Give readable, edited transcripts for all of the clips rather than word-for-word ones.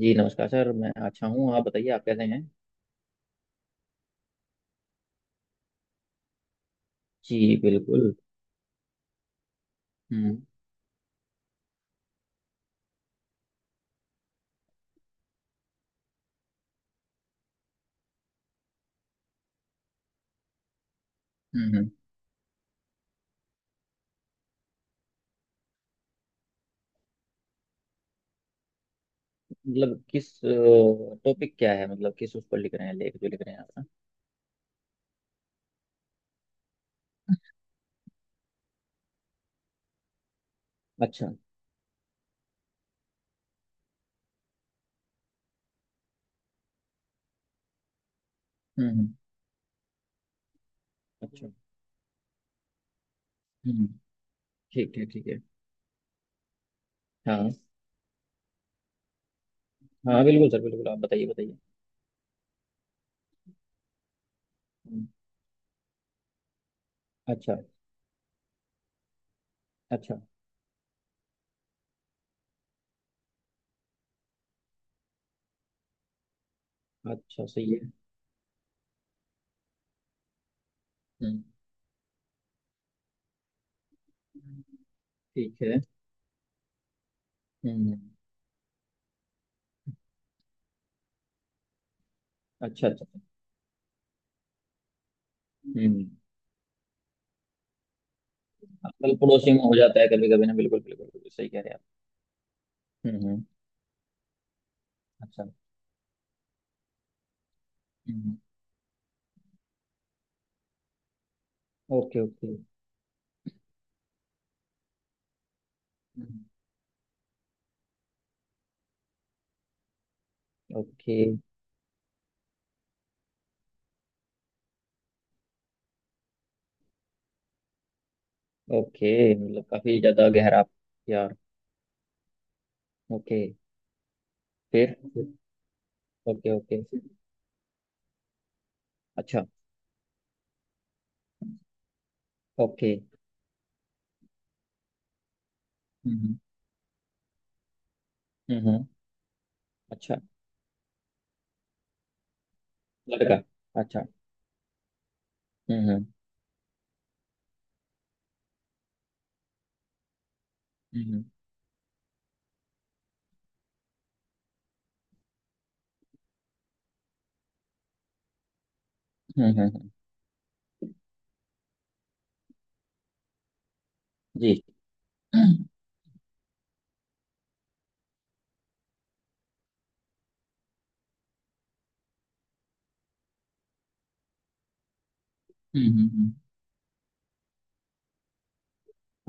जी नमस्कार सर। मैं अच्छा हूँ। आप बताइए, आप कैसे हैं? जी बिल्कुल। हम्म हम्म हम्म। मतलब किस टॉपिक क्या है, मतलब किस उस पर लिख रहे हैं, लेख जो लिख रहे हैं आप? अच्छा। हम्म हम्म, अच्छा। हम्म, ठीक है ठीक है। हाँ हाँ, बिल्कुल सर, बिल्कुल, आप बताइए बताइए। हम्म, अच्छा अच्छा। अच्छा, सही है। हम्म, ठीक है। हम्म हम्म। अच्छा अच्छा। हम्म, मतलब पड़ोसियों में हो जाता है कभी कभी ना। बिल्कुल बिल्कुल बिल्कुल, सही कह रहे हैं आप। हम्म, अच्छा। हम्म हम्म। Okay okay. हम्म, ओके ओके, मतलब काफी ज्यादा गहरा यार। ओके। फिर? Okay okay. अच्छा। ओके। हम्म हम्म हम्म, अच्छा। लड़का? अच्छा। हम्म। हम्म हम्म हम्म, हम्म, जी। हम्म हम्म, हम्म,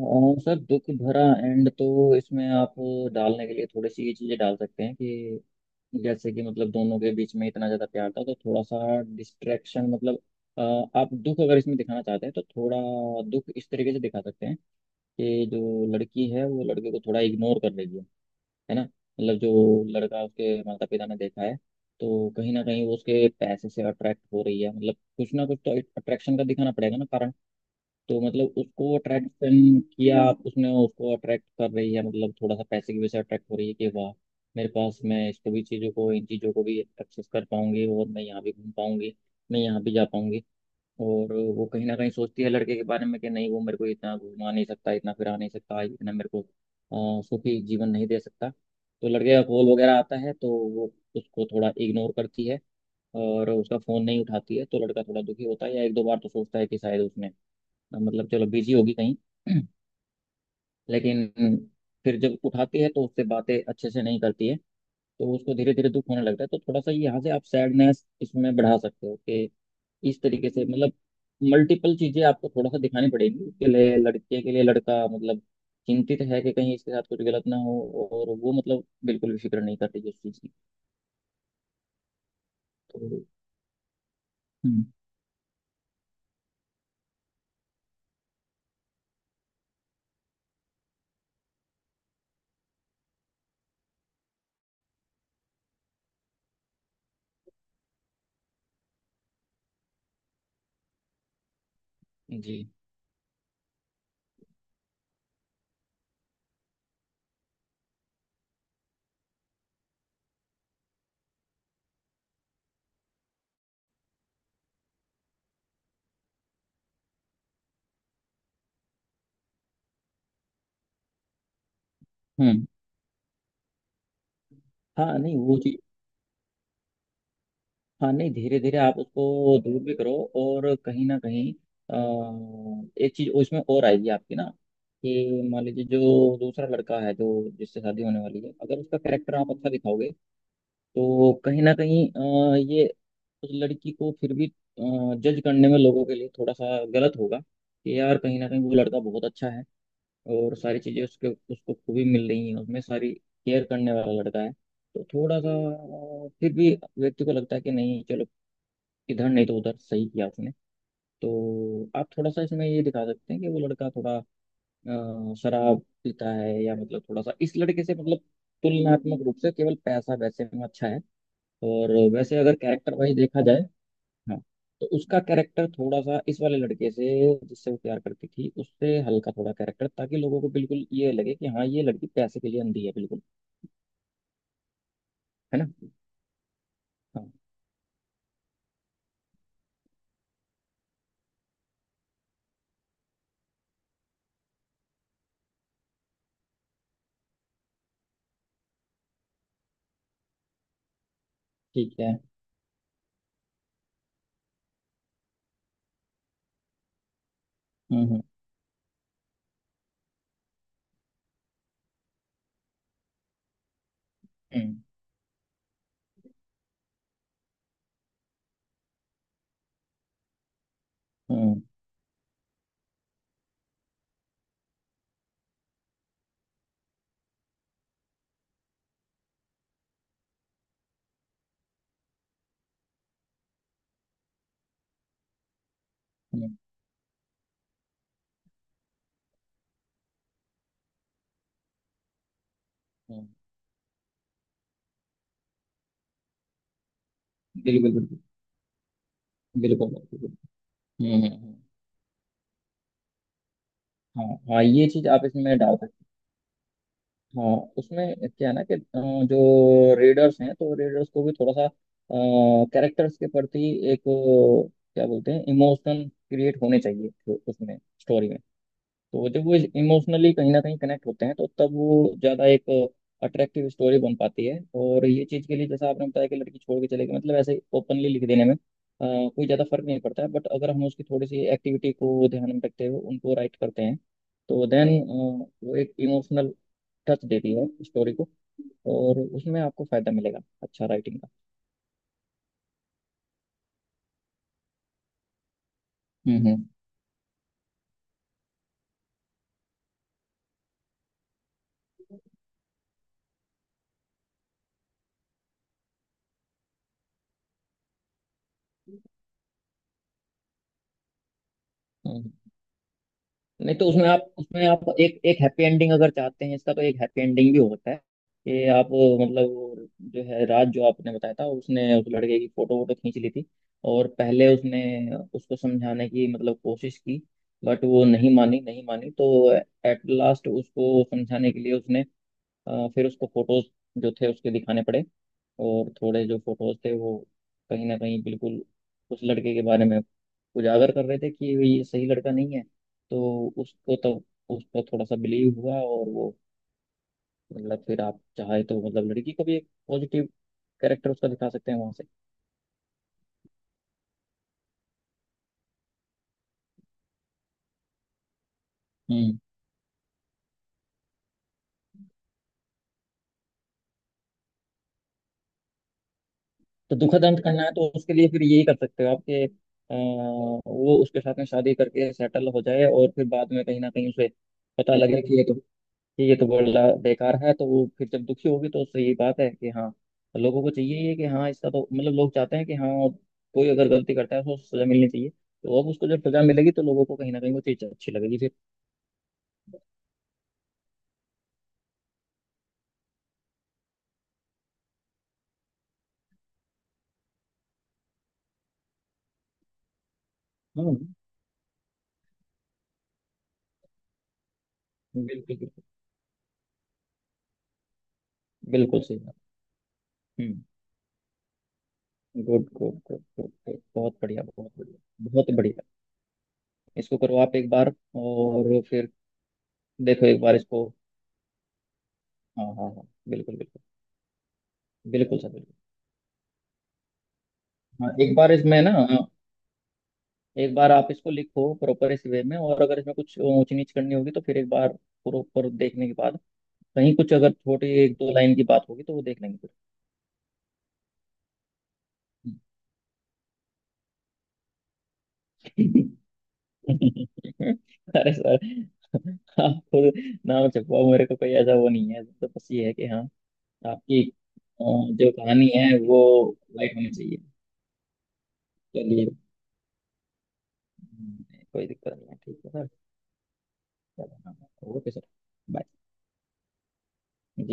और सर दुख भरा एंड तो इसमें आप डालने के लिए थोड़ी सी ये चीजें डाल सकते हैं कि जैसे कि मतलब दोनों के बीच में इतना ज्यादा प्यार था तो थोड़ा सा डिस्ट्रैक्शन, मतलब, अ, आप दुख अगर इसमें दिखाना चाहते हैं तो थोड़ा दुख इस तरीके से दिखा सकते हैं कि जो लड़की है वो लड़के को थोड़ा इग्नोर कर रही है ना। मतलब जो लड़का उसके माता पिता ने देखा है तो कहीं ना कहीं वो उसके पैसे से अट्रैक्ट हो रही है, मतलब कुछ ना कुछ तो अट्रैक्शन का दिखाना पड़ेगा ना कारण। तो मतलब उसको अट्रैक्शन किया, उसने उसको अट्रैक्ट कर रही है, मतलब थोड़ा सा पैसे की वजह से अट्रैक्ट हो रही है कि वाह, मेरे पास मैं इसको भी चीज़ों को, इन चीज़ों को भी एक्सेस कर पाऊंगी, और मैं यहाँ भी घूम पाऊंगी, मैं यहाँ भी जा पाऊंगी। और वो कहीं ना कहीं सोचती है लड़के के बारे में कि नहीं, वो मेरे को इतना घुमा नहीं सकता, इतना फिरा नहीं सकता, इतना मेरे को सुखी जीवन नहीं दे सकता। तो लड़के का कॉल वगैरह आता है तो वो उसको थोड़ा इग्नोर करती है और उसका फ़ोन नहीं उठाती है, तो लड़का थोड़ा दुखी होता है। या एक दो बार तो सोचता है कि शायद उसने, मतलब चलो बिजी होगी कहीं। लेकिन फिर जब उठाती है तो उससे बातें अच्छे से नहीं करती है, तो उसको धीरे धीरे दुख होने लगता है। तो थोड़ा सा यहाँ से आप सैडनेस इसमें बढ़ा सकते हो कि इस तरीके से, मतलब मल्टीपल चीजें आपको थोड़ा सा दिखानी पड़ेगी उसके लिए। लड़के के लिए लड़का मतलब चिंतित है कि कहीं इसके साथ कुछ गलत ना हो, और वो मतलब बिल्कुल भी फिक्र नहीं करती इस चीज की। तो हम्म, जी, हम्म, हाँ, नहीं, वो चीज, हाँ नहीं धीरे धीरे आप उसको दूर भी करो, और कहीं ना कहीं, एक चीज उसमें और आएगी आपकी ना कि मान लीजिए जो दूसरा लड़का है जो जिससे शादी होने वाली है, अगर उसका कैरेक्टर आप अच्छा दिखाओगे तो कहीं ना कहीं, ये उस लड़की को फिर भी जज करने में लोगों के लिए थोड़ा सा गलत होगा कि यार कहीं ना कहीं वो लड़का बहुत अच्छा है, और सारी चीज़ें उसके उसको खूबी मिल रही हैं, उसमें सारी केयर करने वाला लड़का है। तो थोड़ा सा, फिर भी व्यक्ति को लगता है कि नहीं चलो, इधर नहीं तो उधर सही किया उसने। तो आप थोड़ा सा इसमें ये दिखा सकते हैं कि वो लड़का थोड़ा शराब पीता है, या मतलब थोड़ा सा इस लड़के से मतलब तुलनात्मक रूप से केवल पैसा वैसे में अच्छा है। और वैसे अगर कैरेक्टर वाइज देखा जाए, हाँ, तो उसका कैरेक्टर थोड़ा सा इस वाले लड़के से, जिससे वो प्यार करती थी उससे हल्का थोड़ा कैरेक्टर, ताकि लोगों को बिल्कुल ये लगे कि हाँ, ये लड़की पैसे के लिए अंधी है बिल्कुल, है ना। हाँ। ठीक है। हम्म हम्म हम्म हम्म हम्म, हम्म, बिल्कुल बिल्कुल, बिल्कुल बिल्कुल, हम्म हम्म, हम्म, हाँ हाँ, ये चीज आप इसमें डाल सकते हैं। हाँ, उसमें क्या है ना कि, जो रीडर्स हैं तो रीडर्स को भी थोड़ा सा कैरेक्टर्स के प्रति एक, क्या बोलते हैं, इमोशन क्रिएट होने चाहिए, तो उसमें स्टोरी में। तो जब वो इमोशनली कहीं ना कहीं कनेक्ट होते हैं तो तब वो ज्यादा एक अट्रैक्टिव स्टोरी बन पाती है। और ये चीज के लिए जैसा आपने बताया कि लड़की छोड़ के चले गई, मतलब ऐसे ओपनली लिख देने में, कोई ज्यादा फर्क नहीं पड़ता है, बट अगर हम उसकी थोड़ी सी एक्टिविटी को ध्यान में रखते हुए उनको राइट करते हैं तो देन वो एक इमोशनल टच देती है स्टोरी को, और उसमें आपको फायदा मिलेगा अच्छा राइटिंग का। हम्म हम्म। नहीं तो उसमें आप एक एक हैप्पी एंडिंग अगर चाहते हैं इसका, तो एक हैप्पी एंडिंग भी होता है कि आप मतलब वो जो है राज, जो आपने बताया था, उसने उस लड़के की फोटो वोटो खींच ली थी। और पहले उसने उसको समझाने की मतलब कोशिश की, बट वो नहीं मानी नहीं मानी, तो एट लास्ट उसको समझाने के लिए उसने, फिर उसको फोटोज जो थे उसके दिखाने पड़े। और थोड़े जो फोटोज थे वो कहीं ना कहीं बिल्कुल उस लड़के के बारे में उजागर कर रहे थे कि ये सही लड़का नहीं है। तो उसको तो उस पर थोड़ा सा बिलीव हुआ, और वो मतलब, फिर आप चाहे तो मतलब लड़की को भी एक पॉजिटिव कैरेक्टर उसका दिखा सकते हैं वहां से। हम्म। तो दुखद अंत करना है तो उसके लिए फिर यही कर सकते हो आपके। वो उसके साथ में शादी करके सेटल हो जाए, और फिर बाद में कहीं ना कहीं उसे पता लगे कि ये तो, बोलना बेकार है, तो वो फिर जब दुखी होगी तो सही बात है कि हाँ, लोगों को चाहिए ये कि हाँ, इसका तो मतलब, लोग चाहते हैं कि हाँ, कोई अगर गलती करता है तो उसको सजा मिलनी चाहिए। तो अब उसको जब सजा मिलेगी तो लोगों को कहीं ना कहीं वो चीज अच्छी लगेगी फिर। हाँ, बिल्कुल बिल्कुल, बिल्कुल सही बात। हम्म, good good good good good, बहुत बढ़िया बहुत बढ़िया, बहुत बढ़िया। इसको करो आप एक बार, और फिर देखो एक बार इसको। हाँ हाँ हाँ, बिल्कुल बिल्कुल, बिल्कुल सर बिल्कुल। हाँ एक बार इसमें ना, हाँ, एक बार आप इसको लिखो प्रॉपर इस वे में, और अगर इसमें कुछ ऊंच नीच करनी होगी तो फिर एक बार प्रॉपर देखने के बाद कहीं कुछ अगर छोटी एक दो लाइन की बात होगी तो वो देख लेंगे फिर। अरे सर, आप खुद नाम छपवाओ, मेरे को कोई ऐसा वो नहीं है। तो बस ये है कि हाँ, आपकी जो कहानी है वो लाइट होनी चाहिए। चलिए, हम्म, कोई दिक्कत नहीं है, ठीक है सर, ओके सर, बाय, जी।